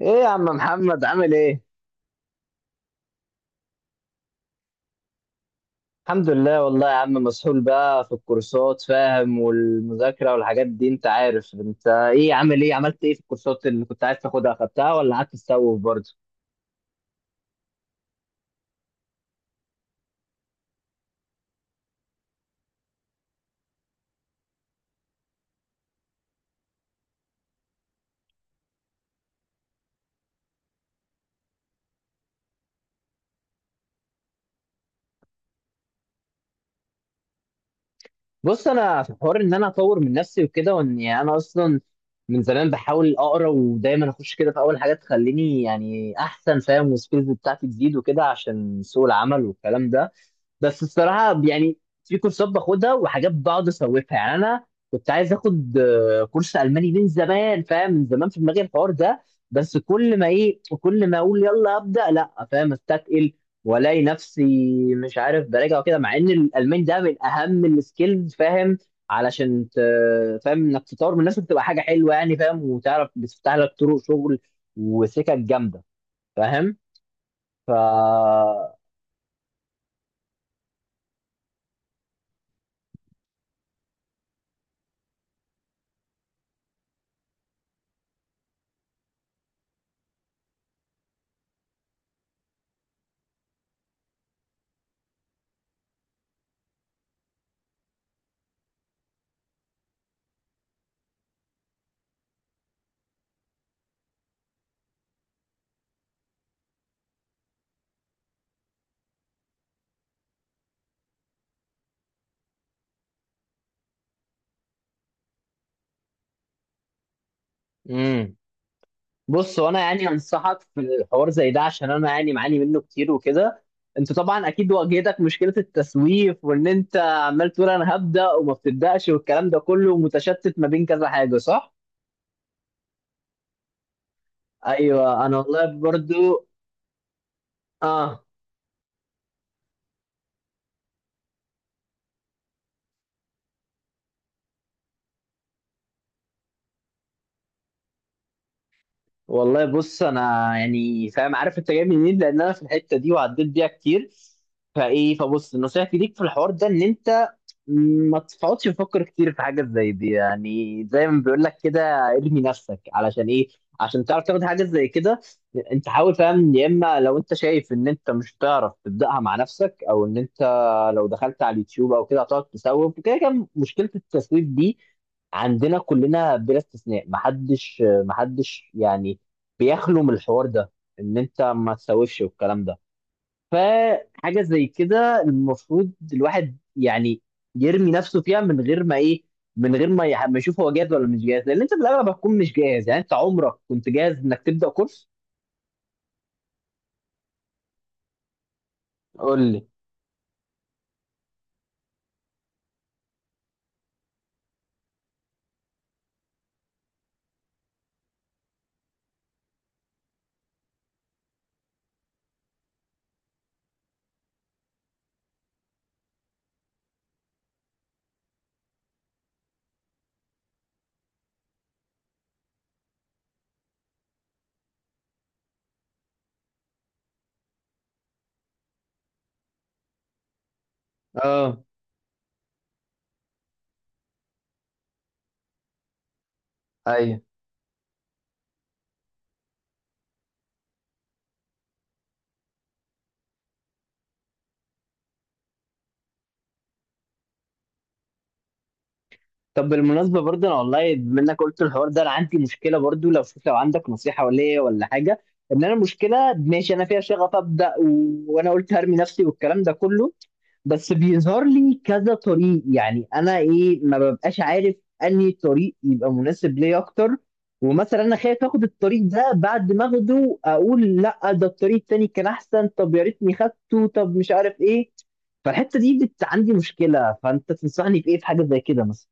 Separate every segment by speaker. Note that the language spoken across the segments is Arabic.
Speaker 1: ايه يا عم محمد عامل ايه؟ الحمد لله والله يا عم، مسحول بقى في الكورسات، فاهم؟ والمذاكرة والحاجات دي انت عارف. انت ايه؟ عامل ايه؟ عملت ايه في الكورسات اللي كنت عايز تاخدها؟ اخدتها ولا قعدت تسوف برضه؟ بص، انا في حوار ان انا اطور من نفسي وكده، وان يعني انا اصلا من زمان بحاول اقرا، ودايما اخش كده في اول حاجه تخليني يعني احسن، فاهم؟ والسكيلز بتاعتي تزيد وكده عشان سوق العمل والكلام ده. بس الصراحه يعني في كورسات باخدها وحاجات بقعد اسوفها. يعني انا كنت عايز اخد كورس الماني من زمان، فاهم؟ من زمان في دماغي الحوار ده. بس كل ما ايه، كل ما اقول يلا ابدا، لا، فاهم، استثقل والاقي نفسي مش عارف براجع وكده، مع ان الالماني ده من اهم السكيلز، فاهم؟ علشان فاهم انك تطور من نفسك تبقى حاجه حلوه يعني، فاهم؟ وتعرف بتفتح لك طرق شغل وسكك جامده، فاهم؟ ف امم. بص، وانا يعني انصحك في الحوار زي ده، عشان انا يعني معاني منه كتير وكده. انت طبعا اكيد واجهتك مشكله التسويف، وان انت عمال تقول انا هبدا وما بتبداش، والكلام ده كله متشتت ما بين كذا حاجه، صح؟ ايوه انا والله برضو. اه. والله بص، انا يعني فاهم، عارف انت جاي منين، لان انا في الحته دي وعديت بيها كتير. فايه، فبص، نصيحتي ليك في الحوار ده ان انت ما تقعدش تفكر كتير في حاجة زي دي. يعني زي ما بيقول لك كده، ارمي نفسك علشان ايه؟ عشان تعرف تاخد حاجة زي كده. انت حاول، فاهم؟ يا اما لو انت شايف ان انت مش هتعرف تبدأها مع نفسك، او ان انت لو دخلت على اليوتيوب او كده هتقعد تسوف وكده. كان مشكلة التسويف دي عندنا كلنا بلا استثناء، محدش يعني بيخلو من الحوار ده، ان انت ما تسوفش والكلام ده. فحاجة زي كده المفروض الواحد يعني يرمي نفسه فيها من غير ما ايه، من غير ما يشوف هو جاهز ولا مش جاهز، لان انت في الاغلب هتكون مش جاهز. يعني انت عمرك كنت جاهز انك تبدأ كورس؟ قول لي. اه. ايوه. طب بالمناسبة برضه، أنا والله منك قلت الحوار ده، أنا عندي مشكلة برضه، لو شوف لو عندك نصيحة ولا إيه ولا حاجة. إن أنا المشكلة، ماشي أنا فيها شغف أبدأ وأنا قلت هرمي نفسي والكلام ده كله، بس بيظهر لي كذا طريق. يعني أنا إيه، ما ببقاش عارف أنهي طريق يبقى مناسب ليا أكتر. ومثلا أنا خايف آخد الطريق ده، بعد ما آخده أقول لأ، ده الطريق التاني كان أحسن، طب يا ريتني خدته، طب مش عارف إيه. عندي مشكلة، فأنت تنصحني بإيه في حاجة زي كده مثلا؟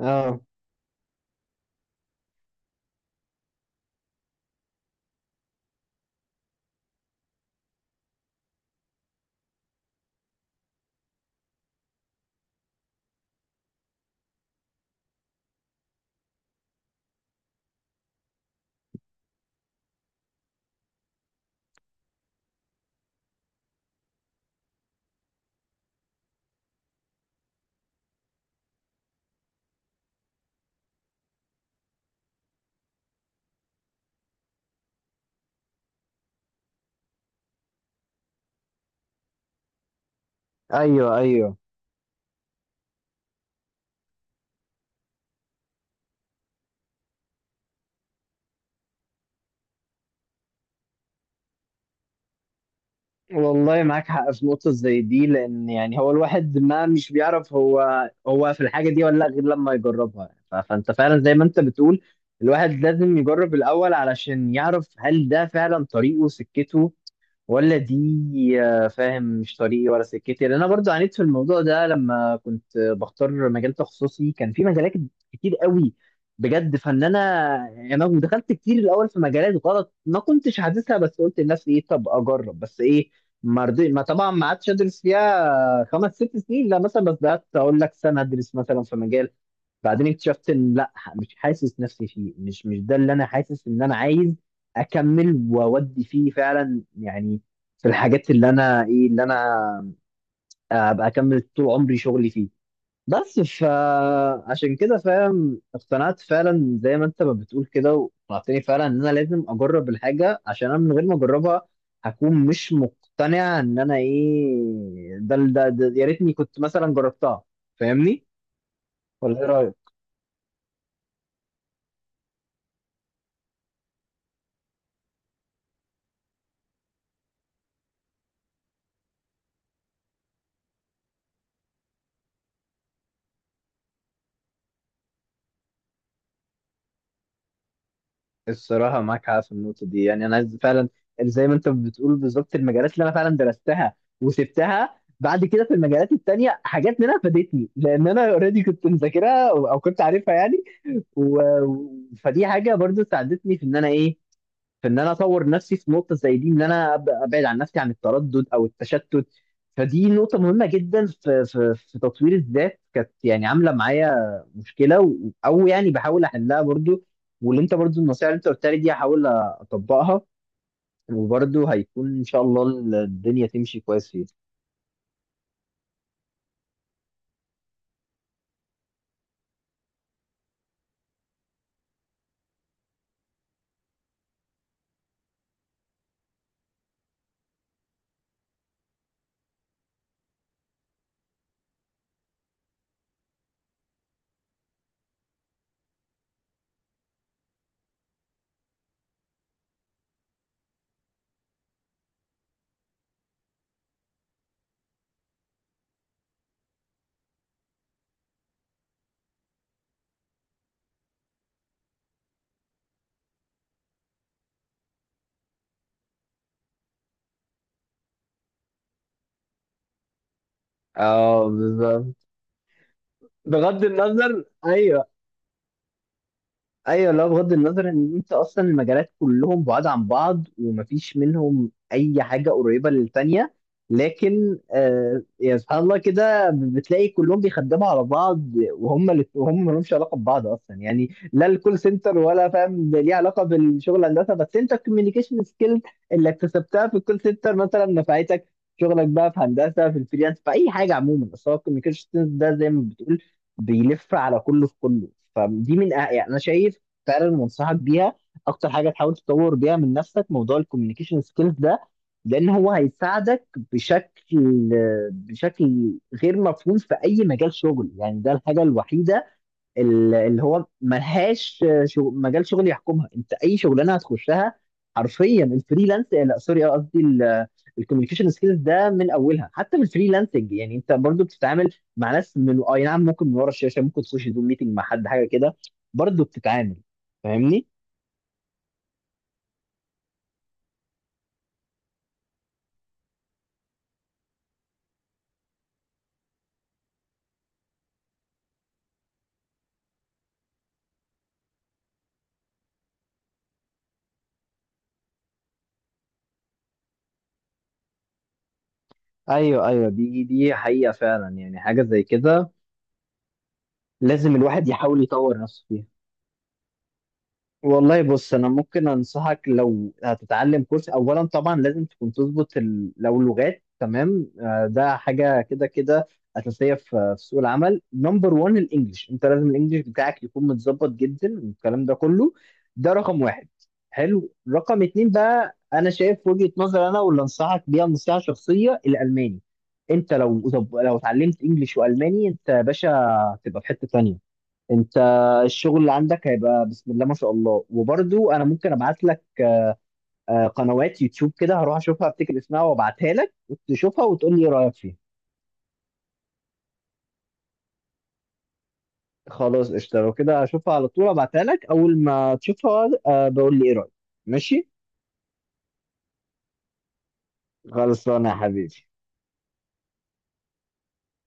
Speaker 1: اه. ايوه ايوه. والله معاك حق في نقطة زي دي، لأن يعني هو الواحد ما مش بيعرف هو هو في الحاجة دي ولا لأ غير لما يجربها. فأنت فعلا زي ما أنت بتقول، الواحد لازم يجرب الأول علشان يعرف هل ده فعلا طريقه، سكته ولا دي. فاهم مش طريقي ولا سكتي، لان انا برضو عانيت في الموضوع ده. لما كنت بختار مجال تخصصي، كان في مجالات كتير قوي بجد. فان انا يعني انا دخلت كتير الاول في مجالات غلط، ما كنتش حاسسها، بس قلت لنفسي ايه، طب اجرب بس ايه، ما رضي ما طبعا ما عادش ادرس فيها خمس ست سنين لا مثلا، بس قعدت اقول لك سنه ادرس مثلا في مجال، بعدين اكتشفت ان لا، مش حاسس نفسي فيه، مش ده اللي انا حاسس ان انا عايز اكمل واودي فيه فعلا. يعني في الحاجات اللي انا ايه، اللي انا ابقى اكمل طول عمري شغلي فيه. بس فعشان كده، فاهم، اقتنعت فعلا زي ما انت ما بتقول كده، واقتنعتني فعلا ان انا لازم اجرب الحاجه، عشان انا من غير ما اجربها هكون مش مقتنع، ان انا ايه، ده يا ريتني كنت مثلا جربتها، فاهمني؟ ولا ايه رايك؟ الصراحة معاك حق في النقطة دي. يعني أنا عايز فعلا زي ما أنت بتقول بالظبط، المجالات اللي أنا فعلا درستها وسبتها بعد كده، في المجالات التانية حاجات منها فادتني، لأن أنا أوريدي كنت مذاكرها أو أو كنت عارفها يعني. فدي حاجة برضو ساعدتني في إن أنا إيه، في ان انا اطور نفسي في نقطه زي دي، ان انا ابعد عن نفسي عن التردد او التشتت. فدي نقطه مهمه جدا في تطوير الذات، كانت يعني عامله معايا مشكله او يعني بحاول احلها برضو. واللي انت برضو النصيحه اللي انت قلتها لي دي هحاول اطبقها، وبرضو هيكون ان شاء الله الدنيا تمشي كويس فيها. آه بالظبط. بغض النظر، ايوه ايوه، لا بغض النظر ان انت اصلا المجالات كلهم بعاد عن بعض ومفيش منهم اي حاجه قريبه للتانيه، لكن آه يا سبحان الله كده بتلاقي كلهم بيخدموا على بعض، وهم وهم ما لهمش علاقه ببعض اصلا. يعني لا الكول سنتر ولا فاهم ده ليه علاقه بالشغل الهندسه، بس انت الكوميونيكيشن سكيلز اللي اكتسبتها في الكول سنتر مثلا نفعتك في شغلك بقى في هندسه، في الفريلانس، في اي حاجه عموما. بس هو الكوميونيكيشن ده زي ما بتقول بيلف على كله في كله. فدي من يعني انا شايف فعلا وانصحك بيها، اكتر حاجه تحاول تطور بيها من نفسك موضوع الكوميونيكيشن سكيلز ده، لان هو هيساعدك بشكل بشكل غير مفهوم في اي مجال شغل. يعني ده الحاجه الوحيده اللي هو ملهاش مجال شغل يحكمها، انت اي شغلانه هتخشها حرفيا. الفريلانس، لا سوري، قصدي الكوميونيكيشن سكيلز ده، من اولها حتى في الفريلانسنج يعني انت برضو بتتعامل مع ناس من اي نعم، ممكن من ورا الشاشه، ممكن تخش زوم ميتنج مع حد حاجه كده، برضو بتتعامل، فاهمني؟ ايوه ايوه. دي حقيقه فعلا. يعني حاجه زي كده لازم الواحد يحاول يطور نفسه فيها. والله بص، انا ممكن انصحك لو هتتعلم كورس، اولا طبعا لازم تكون تظبط لو لغات تمام، ده حاجه كده كده اساسيه في سوق العمل. نمبر 1 الانجليش، انت لازم الانجليش بتاعك يكون متظبط جدا والكلام ده كله، ده رقم واحد. حلو، رقم اتنين بقى انا شايف وجهه نظر انا واللي انصحك بيها نصيحه شخصيه: الالماني. انت لو لو اتعلمت انجليش والماني، انت يا باشا هتبقى في حته تانيه. انت الشغل اللي عندك هيبقى بسم الله ما شاء الله. وبرضو انا ممكن ابعت لك قنوات يوتيوب كده، هروح اشوفها افتكر اسمها وابعتها لك وتشوفها وتقول لي إيه رايك فيها. خلاص قشطه، لو كده اشوفها على طول ابعتها لك، اول ما تشوفها بقول لي ايه رايك. ماشي. خلصانه يا حبيبي.